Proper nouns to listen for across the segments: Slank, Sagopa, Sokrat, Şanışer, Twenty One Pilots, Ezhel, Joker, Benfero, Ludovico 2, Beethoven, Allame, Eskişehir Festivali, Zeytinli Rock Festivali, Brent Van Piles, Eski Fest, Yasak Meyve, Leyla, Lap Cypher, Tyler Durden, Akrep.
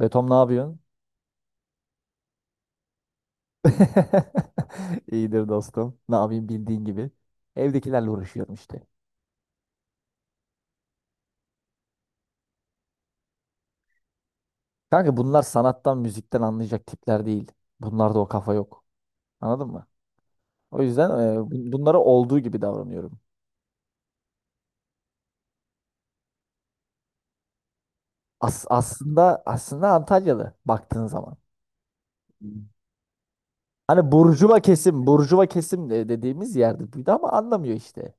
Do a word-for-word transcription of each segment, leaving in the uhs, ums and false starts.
Betom ne yapıyorsun? İyidir dostum. Ne yapayım bildiğin gibi. Evdekilerle uğraşıyorum işte. Kanka bunlar sanattan, müzikten anlayacak tipler değil. Bunlarda o kafa yok. Anladın mı? O yüzden e, bun- bunlara olduğu gibi davranıyorum. As aslında aslında Antalyalı baktığın zaman. Hani burjuva kesim, burjuva kesim de- dediğimiz yerde büyüdü ama anlamıyor işte.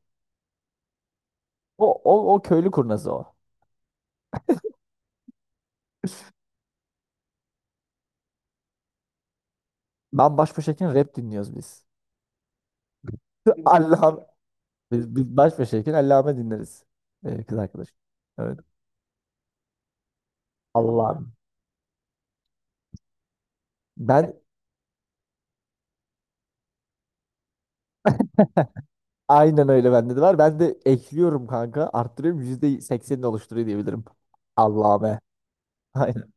O, o, o köylü kurnazı o. Ben baş başayken rap dinliyoruz biz. Allah'ım. Biz, biz baş başayken Allame dinleriz. Ee, kız arkadaş. Evet. Allah'ım. Ben aynen öyle, bende de var. Ben de ekliyorum kanka. Arttırıyorum. yüzde sekseni oluşturuyor diyebilirim. Allame. Aynen.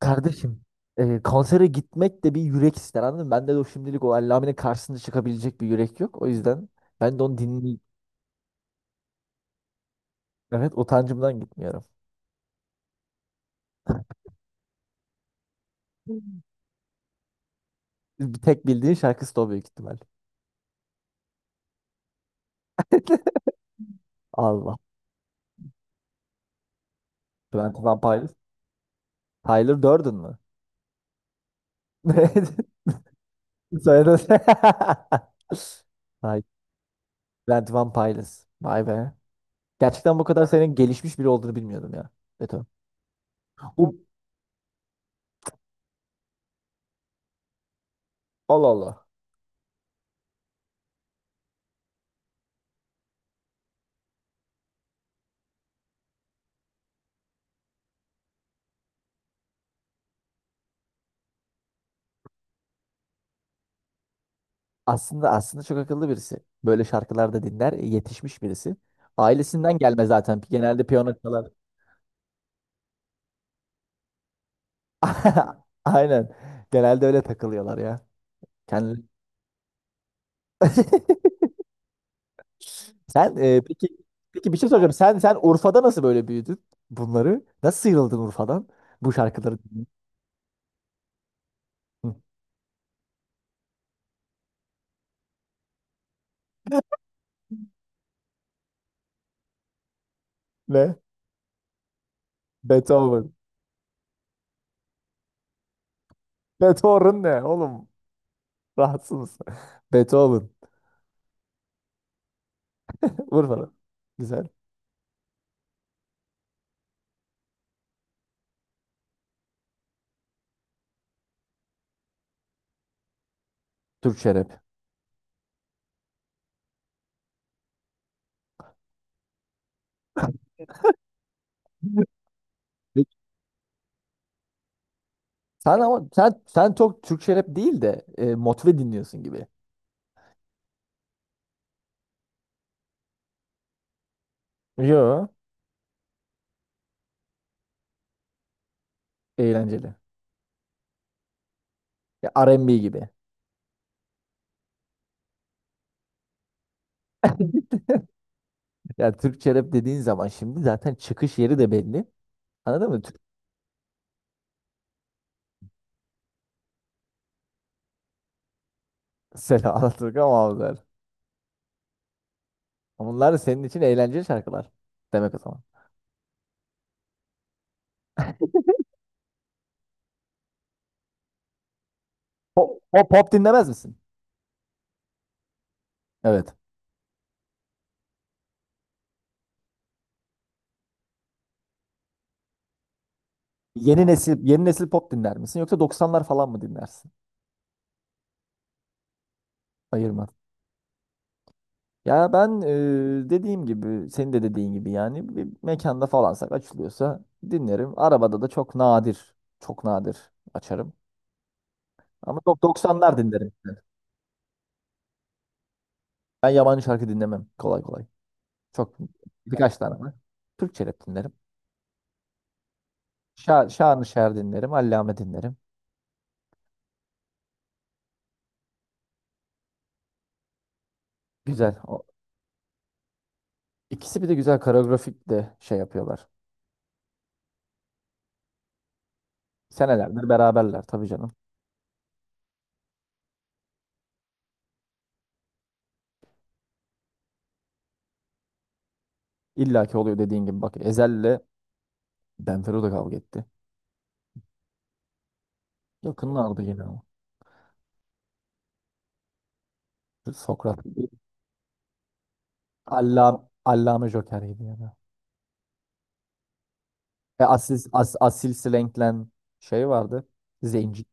Kardeşim. E, konsere gitmek de bir yürek ister, anladın mı? Bende de o, şimdilik o Allame'nin karşısında çıkabilecek bir yürek yok. O yüzden ben de onu dinleyip evet, utancımdan gitmiyorum. Bir tek bildiğin şarkısı da o büyük ihtimal. Allah. Twenty One Pilots. Tyler Durden mı? Söyledin. Ay, Brent Van Piles. Vay be. Gerçekten bu kadar senin gelişmiş biri olduğunu bilmiyordum ya. Beto. Bu Allah Allah. Aslında aslında çok akıllı birisi. Böyle şarkılarda dinler, yetişmiş birisi. Ailesinden gelme zaten. Genelde piyano çalar. Aynen. Genelde öyle takılıyorlar ya. Kendi. Sen e, peki peki bir şey soracağım. Sen sen Urfa'da nasıl böyle büyüdün bunları? Nasıl sıyrıldın Urfa'dan bu şarkıları dinleyip? Hı. Ne? Beethoven. Beethoven ne oğlum? Rahatsız mısın? Beethoven. Vur bana. Güzel. Türkçe rap. Peki. Sen ama sen sen çok Türkçe rap değil de e, motive dinliyorsun gibi. Yo. Eğlenceli. Ya R and B gibi. Ya Türkçe rap dediğin zaman şimdi zaten çıkış yeri de belli. Anladın mı? Türk Selam Alaturka Mavzer. Onlar senin için eğlenceli şarkılar. Demek o zaman. Pop, pop, pop dinlemez misin? Evet. Yeni nesil yeni nesil pop dinler misin, yoksa doksanlar falan mı dinlersin? Ayırma. Ya ben e, dediğim gibi, senin de dediğin gibi, yani bir mekanda falansak açılıyorsa dinlerim. Arabada da çok nadir, çok nadir açarım. Ama çok doksanlar dinlerim işte. Ben yabancı şarkı dinlemem kolay kolay. Çok birkaç tane var. Türkçe rap dinlerim. Şa Şanlı Şer dinlerim, Allame dinlerim. Güzel. O, ikisi bir de güzel koreografik de şey yapıyorlar. Senelerdir beraberler tabii canım. İlla ki oluyor dediğin gibi. Bak, Ezhel'le Benfero da kavga etti. Yakınlardı yine ama. Sokrat. Allam Allame Joker'iydi ya da. E, asil, as, asil Slank'len şey vardı. Zenci.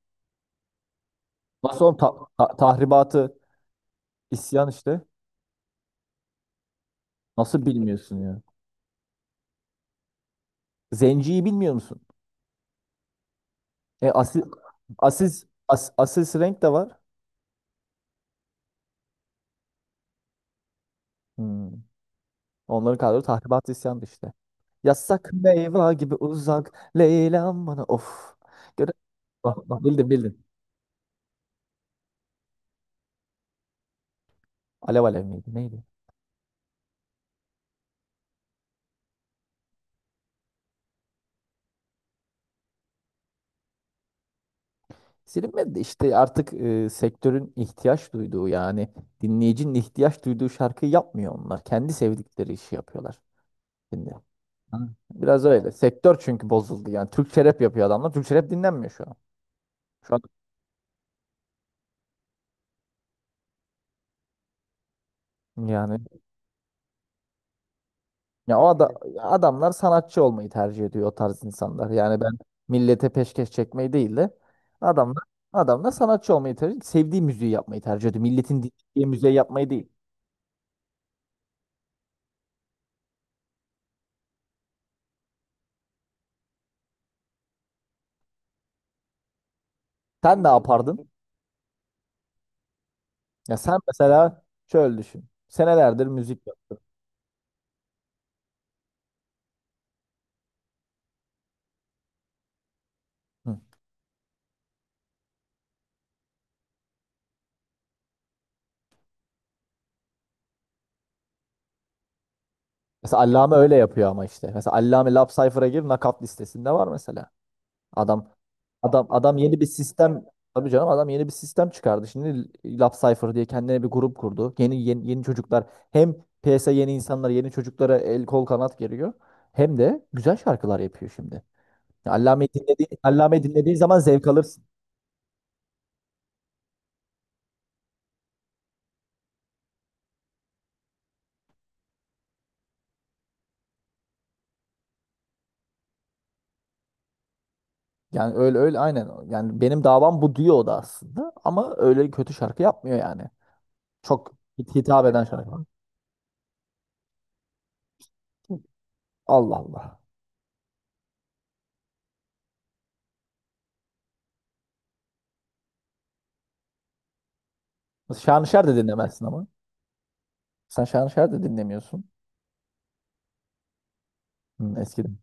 Nasıl oğlum, ta- ta- tahribatı isyan işte. Nasıl bilmiyorsun ya? Zenciyi bilmiyor musun? E, asil asil as, Asil Slank de var. Hmm. Onların kadro tahribatı isyandı işte. Yasak meyve gibi uzak Leyla'm bana of. Göre bak, bak, bildin bildin. Alev alev miydi neydi? Silinmedi de işte artık e, sektörün ihtiyaç duyduğu, yani dinleyicinin ihtiyaç duyduğu şarkıyı yapmıyor onlar. Kendi sevdikleri işi yapıyorlar şimdi. Ha. Biraz öyle. Sektör çünkü bozuldu yani. Türkçe rap yapıyor adamlar. Türkçe rap dinlenmiyor şu an. Şu an yani, ya o ada- adamlar sanatçı olmayı tercih ediyor, o tarz insanlar. Yani ben millete peşkeş çekmeyi değil de adamlar adamlar sanatçı olmayı tercih, sevdiği müziği yapmayı tercih ediyor. Milletin dinlediği müziği yapmayı değil. Sen ne yapardın? Ya sen mesela şöyle düşün. Senelerdir müzik yaptın. Hı. Mesela Allame öyle yapıyor ama işte. Mesela Allame Lap Cypher'a gir, nakat listesinde var mesela. Adam adam adam yeni bir sistem, tabii canım, adam yeni bir sistem çıkardı. Şimdi Lap Cypher diye kendine bir grup kurdu. Yeni yeni, yeni çocuklar, hem piyasa yeni insanlar, yeni çocuklara el kol kanat geriyor. Hem de güzel şarkılar yapıyor şimdi. Ya Allame'yi dinlediği, Allame'yi dinlediği zaman zevk alır. Yani öyle öyle aynen. Yani benim davam bu diyor o da aslında. Ama öyle kötü şarkı yapmıyor yani. Çok hit- hitap eden şarkı. Allah Allah. Şanışer de dinlemezsin ama. Sen Şanışer de dinlemiyorsun. Hı, eskiden.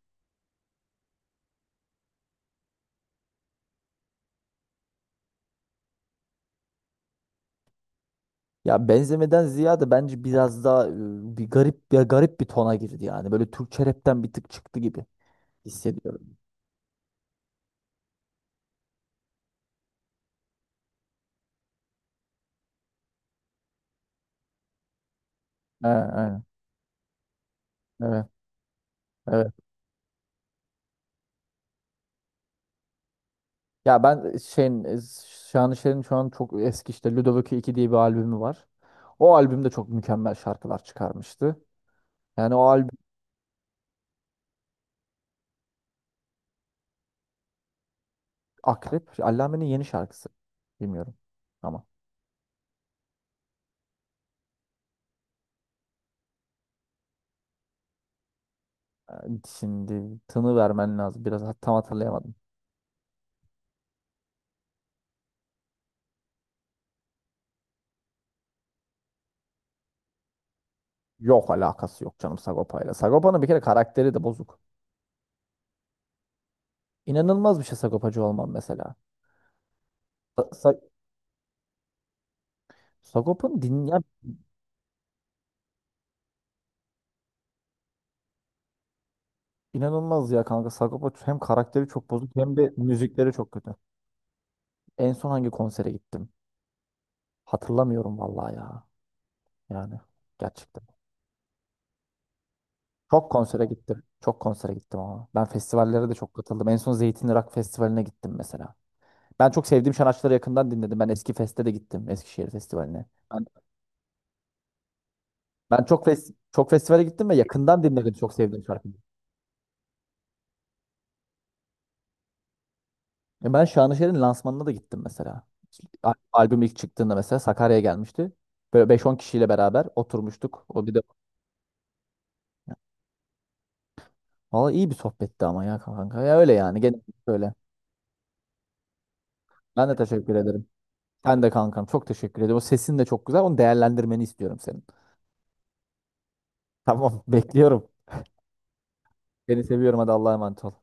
Ya benzemeden ziyade bence biraz daha e, bir garip bir garip bir tona girdi yani. Böyle Türkçe rapten bir tık çıktı gibi hissediyorum. He, aynen. Evet. Evet. Ya ben şeyin e, Şanışer'in şu an çok eski işte Ludovico iki diye bir albümü var. O albümde çok mükemmel şarkılar çıkarmıştı. Yani o albüm Akrep, Allame'nin yeni şarkısı. Bilmiyorum ama. Yani şimdi tını vermen lazım. Biraz hat- tam hatırlayamadım. Yok, alakası yok canım Sagopa'yla. Sagopa'nın bir kere karakteri de bozuk. İnanılmaz bir şey Sagopacı olmam mesela. Sa Sa- Sagopa'nın din ya, inanılmaz ya kanka. Sagopa hem karakteri çok bozuk, hem de müzikleri çok kötü. En son hangi konsere gittim? Hatırlamıyorum vallahi ya. Yani gerçekten. Çok konsere gittim. Çok konsere gittim ama. Ben festivallere de çok katıldım. En son Zeytinli Rock Festivali'ne gittim mesela. Ben çok sevdiğim sanatçıları yakından dinledim. Ben Eski Fest'e de gittim. Eskişehir Festivali'ne. Ben, Ben çok fes çok festivale gittim ve yakından dinledim çok sevdiğim şarkıyı. E Ben Şanışer'in lansmanına da gittim mesela. Al- Albüm ilk çıktığında mesela Sakarya'ya gelmişti. Böyle beş on kişiyle beraber oturmuştuk. O bir de valla iyi bir sohbetti ama ya kanka. Ya öyle yani, gene böyle. Ben de teşekkür ederim. Sen de kankam çok teşekkür ederim. O sesin de çok güzel. Onu değerlendirmeni istiyorum senin. Tamam, bekliyorum. Seni seviyorum, hadi Allah'a emanet ol.